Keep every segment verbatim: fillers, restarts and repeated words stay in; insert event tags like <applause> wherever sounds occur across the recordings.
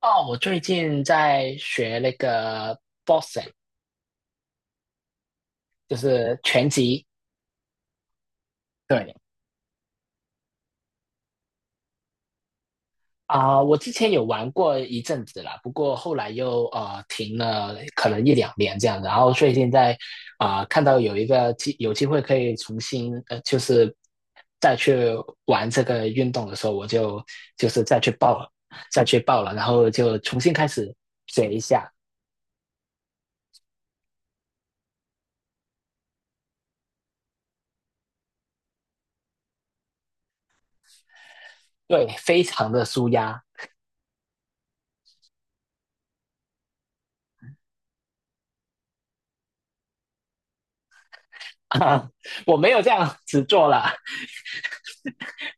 哦，我最近在学那个 boxing，就是拳击。对啊，我之前有玩过一阵子啦，不过后来又呃停了，可能一两年这样。然后最近在啊、看到有一个机有机会可以重新呃，就是再去玩这个运动的时候，我就就是再去报了，再去报了，然后就重新开始学一下。对，非常的舒压 <laughs> 我没有这样子做了。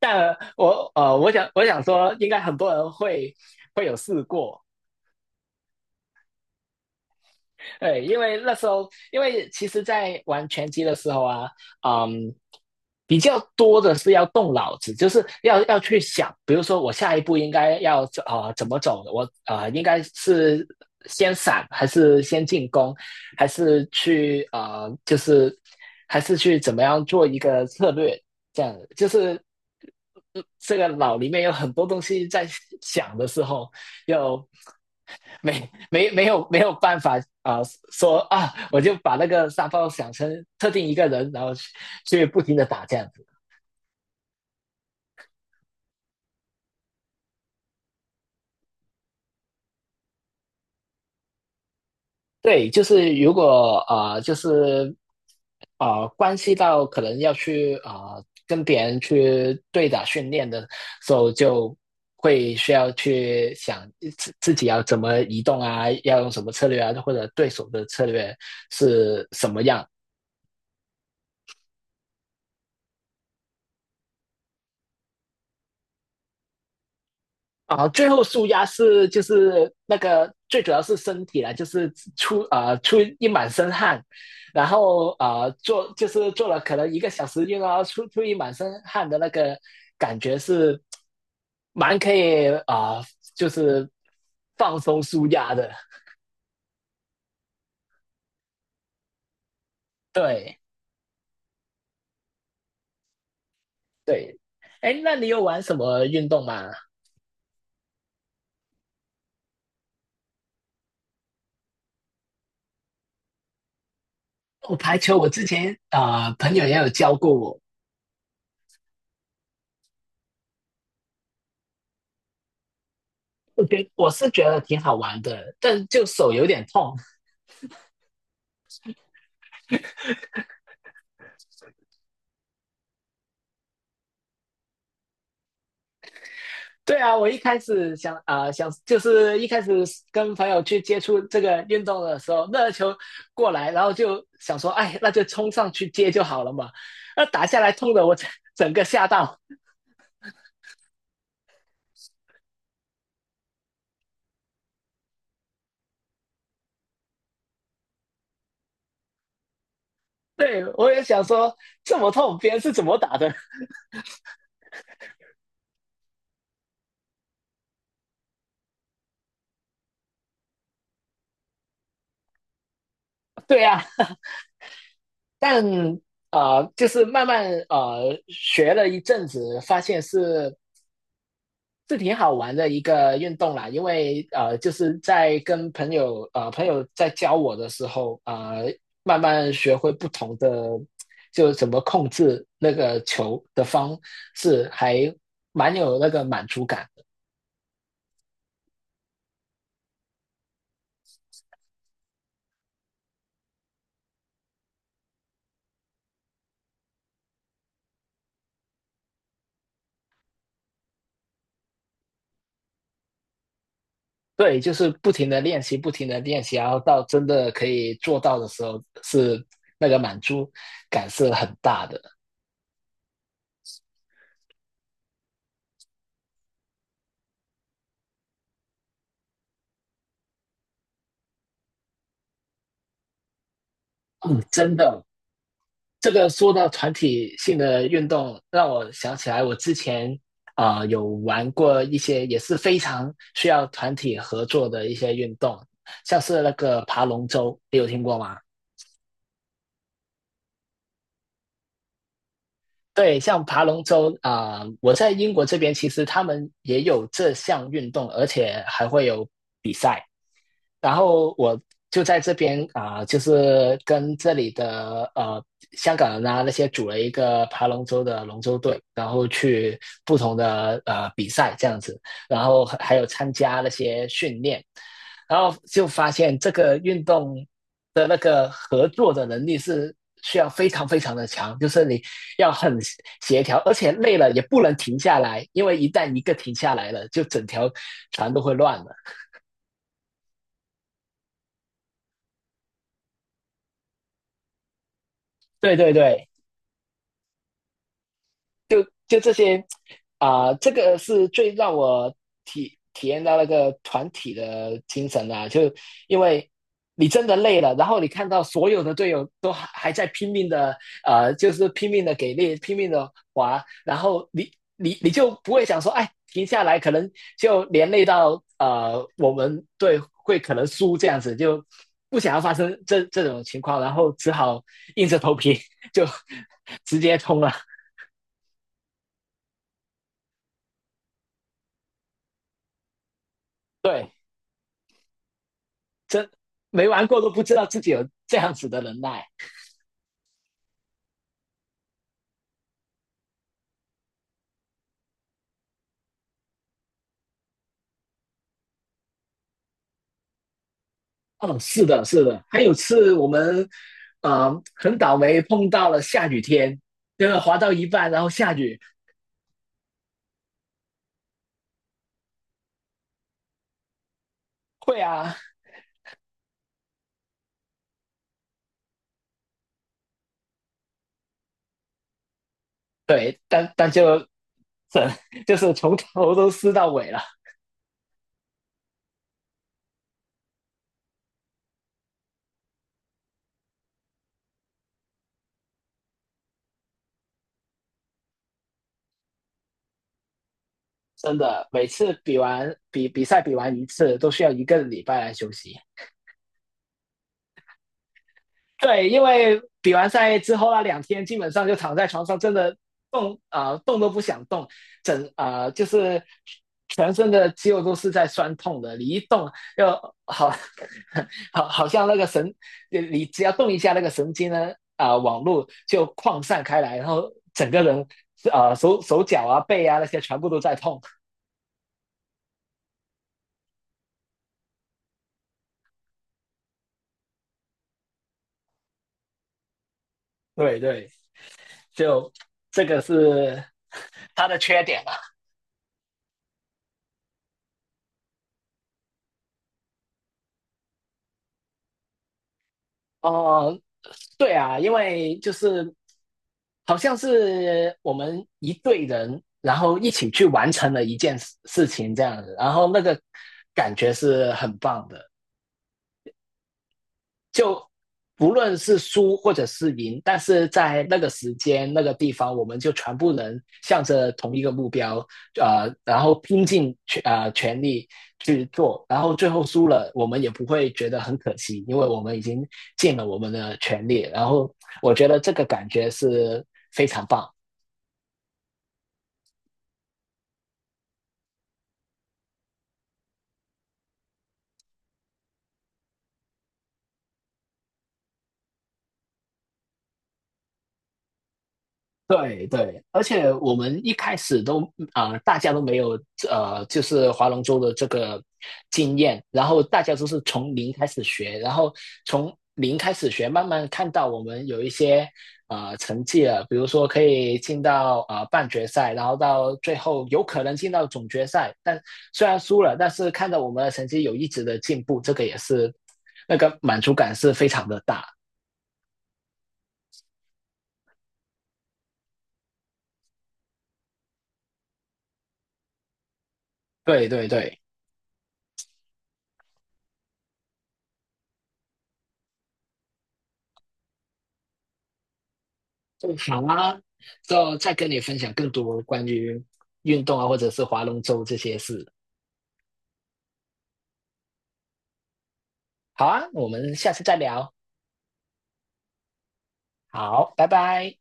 但我呃，我想我想说，应该很多人会会有试过，对，因为那时候，因为其实，在玩拳击的时候啊，嗯，比较多的是要动脑子，就是要要去想，比如说我下一步应该要啊怎么走，我啊应该是先闪还是先进攻，还是去啊就是还是去怎么样做一个策略，这样就是呃这个脑里面有很多东西在想的时候，就没没没有没有办法啊、呃说啊，我就把那个沙包想成特定一个人，然后去去不停的打这样子。对，就是如果啊、呃就是啊、呃关系到可能要去啊、呃跟别人去对打训练的时候，就会需要去想自自己要怎么移动啊，要用什么策略啊，或者对手的策略是什么样啊，最后舒压是就是那个最主要是身体啦，就是出啊、呃出一满身汗，然后啊、呃做就是做了可能一个小时运动啊，然后出出一满身汗的那个感觉是蛮可以啊、呃就是放松舒压的。对对，哎，那你有玩什么运动吗？我排球，我之前啊、呃朋友也有教过我，我觉我是觉得挺好玩的，但就手有点痛。对啊，我一开始想啊、呃想就是一开始跟朋友去接触这个运动的时候，那个球过来，然后就想说，哎，那就冲上去接就好了嘛。那打下来痛的我整整个吓到，对我也想说这么痛，别人是怎么打的？<laughs> 对啊，但啊、呃就是慢慢呃学了一阵子，发现是是挺好玩的一个运动啦，因为呃，就是在跟朋友呃朋友在教我的时候，呃，慢慢学会不同的，就怎么控制那个球的方式，还蛮有那个满足感。对，就是不停的练习，不停的练习，然后到真的可以做到的时候，是那个满足感是很大的。嗯，真的，这个说到团体性的运动，让我想起来我之前啊、呃有玩过一些也是非常需要团体合作的一些运动，像是那个爬龙舟，你有听过吗？对，像爬龙舟啊、呃我在英国这边其实他们也有这项运动，而且还会有比赛。然后我就在这边啊、呃就是跟这里的呃香港人啊那些组了一个爬龙舟的龙舟队，然后去不同的呃比赛这样子，然后还还有参加那些训练，然后就发现这个运动的那个合作的能力是需要非常非常的强，就是你要很协调，而且累了也不能停下来，因为一旦一个停下来了，就整条船都会乱了。对对对。就就这些啊、这个是最让我体体验到那个团体的精神啊，就因为你真的累了，然后你看到所有的队友都还还在拼命的呃，就是拼命的给力，拼命的滑，然后你你你就不会想说，哎，停下来，可能就连累到呃我们队会可能输这样子，就不想要发生这这种情况，然后只好硬着头皮 <laughs> 就直接冲了。对，真没玩过都不知道自己有这样子的能耐。哦，是的，是的。还有次我们，呃，很倒霉碰到了下雨天，就是滑到一半然后下雨。会啊，对，但但就整 <laughs> 就是从头都湿到尾了。真的，每次比完比比赛比完一次，都需要一个礼拜来休息。对，因为比完赛之后那两天，基本上就躺在床上，真的动啊、呃动都不想动，整啊、呃就是全身的肌肉都是在酸痛的，你一动又好 <laughs> 好好像那个神，你只要动一下那个神经呢啊、呃网络就扩散开来，然后整个人啊、呃手手脚啊背啊那些全部都在痛。对对，就这个是 <laughs> 它的缺点嘛。啊哦、呃对啊，因为就是好像是我们一队人，然后一起去完成了一件事事情这样子，然后那个感觉是很棒的，就不论是输或者是赢，但是在那个时间那个地方，我们就全部人向着同一个目标，呃，然后拼尽全呃全力去做，然后最后输了，我们也不会觉得很可惜，因为我们已经尽了我们的全力，然后我觉得这个感觉是非常棒。对对，而且我们一开始都啊、呃大家都没有呃，就是划龙舟的这个经验，然后大家都是从零开始学，然后从零开始学，慢慢看到我们有一些呃成绩了，比如说可以进到呃半决赛，然后到最后有可能进到总决赛，但虽然输了，但是看到我们的成绩有一直的进步，这个也是那个满足感是非常的大。对对对。好啊，之后再跟你分享更多关于运动啊，或者是划龙舟这些事。好啊，我们下次再聊。好，拜拜。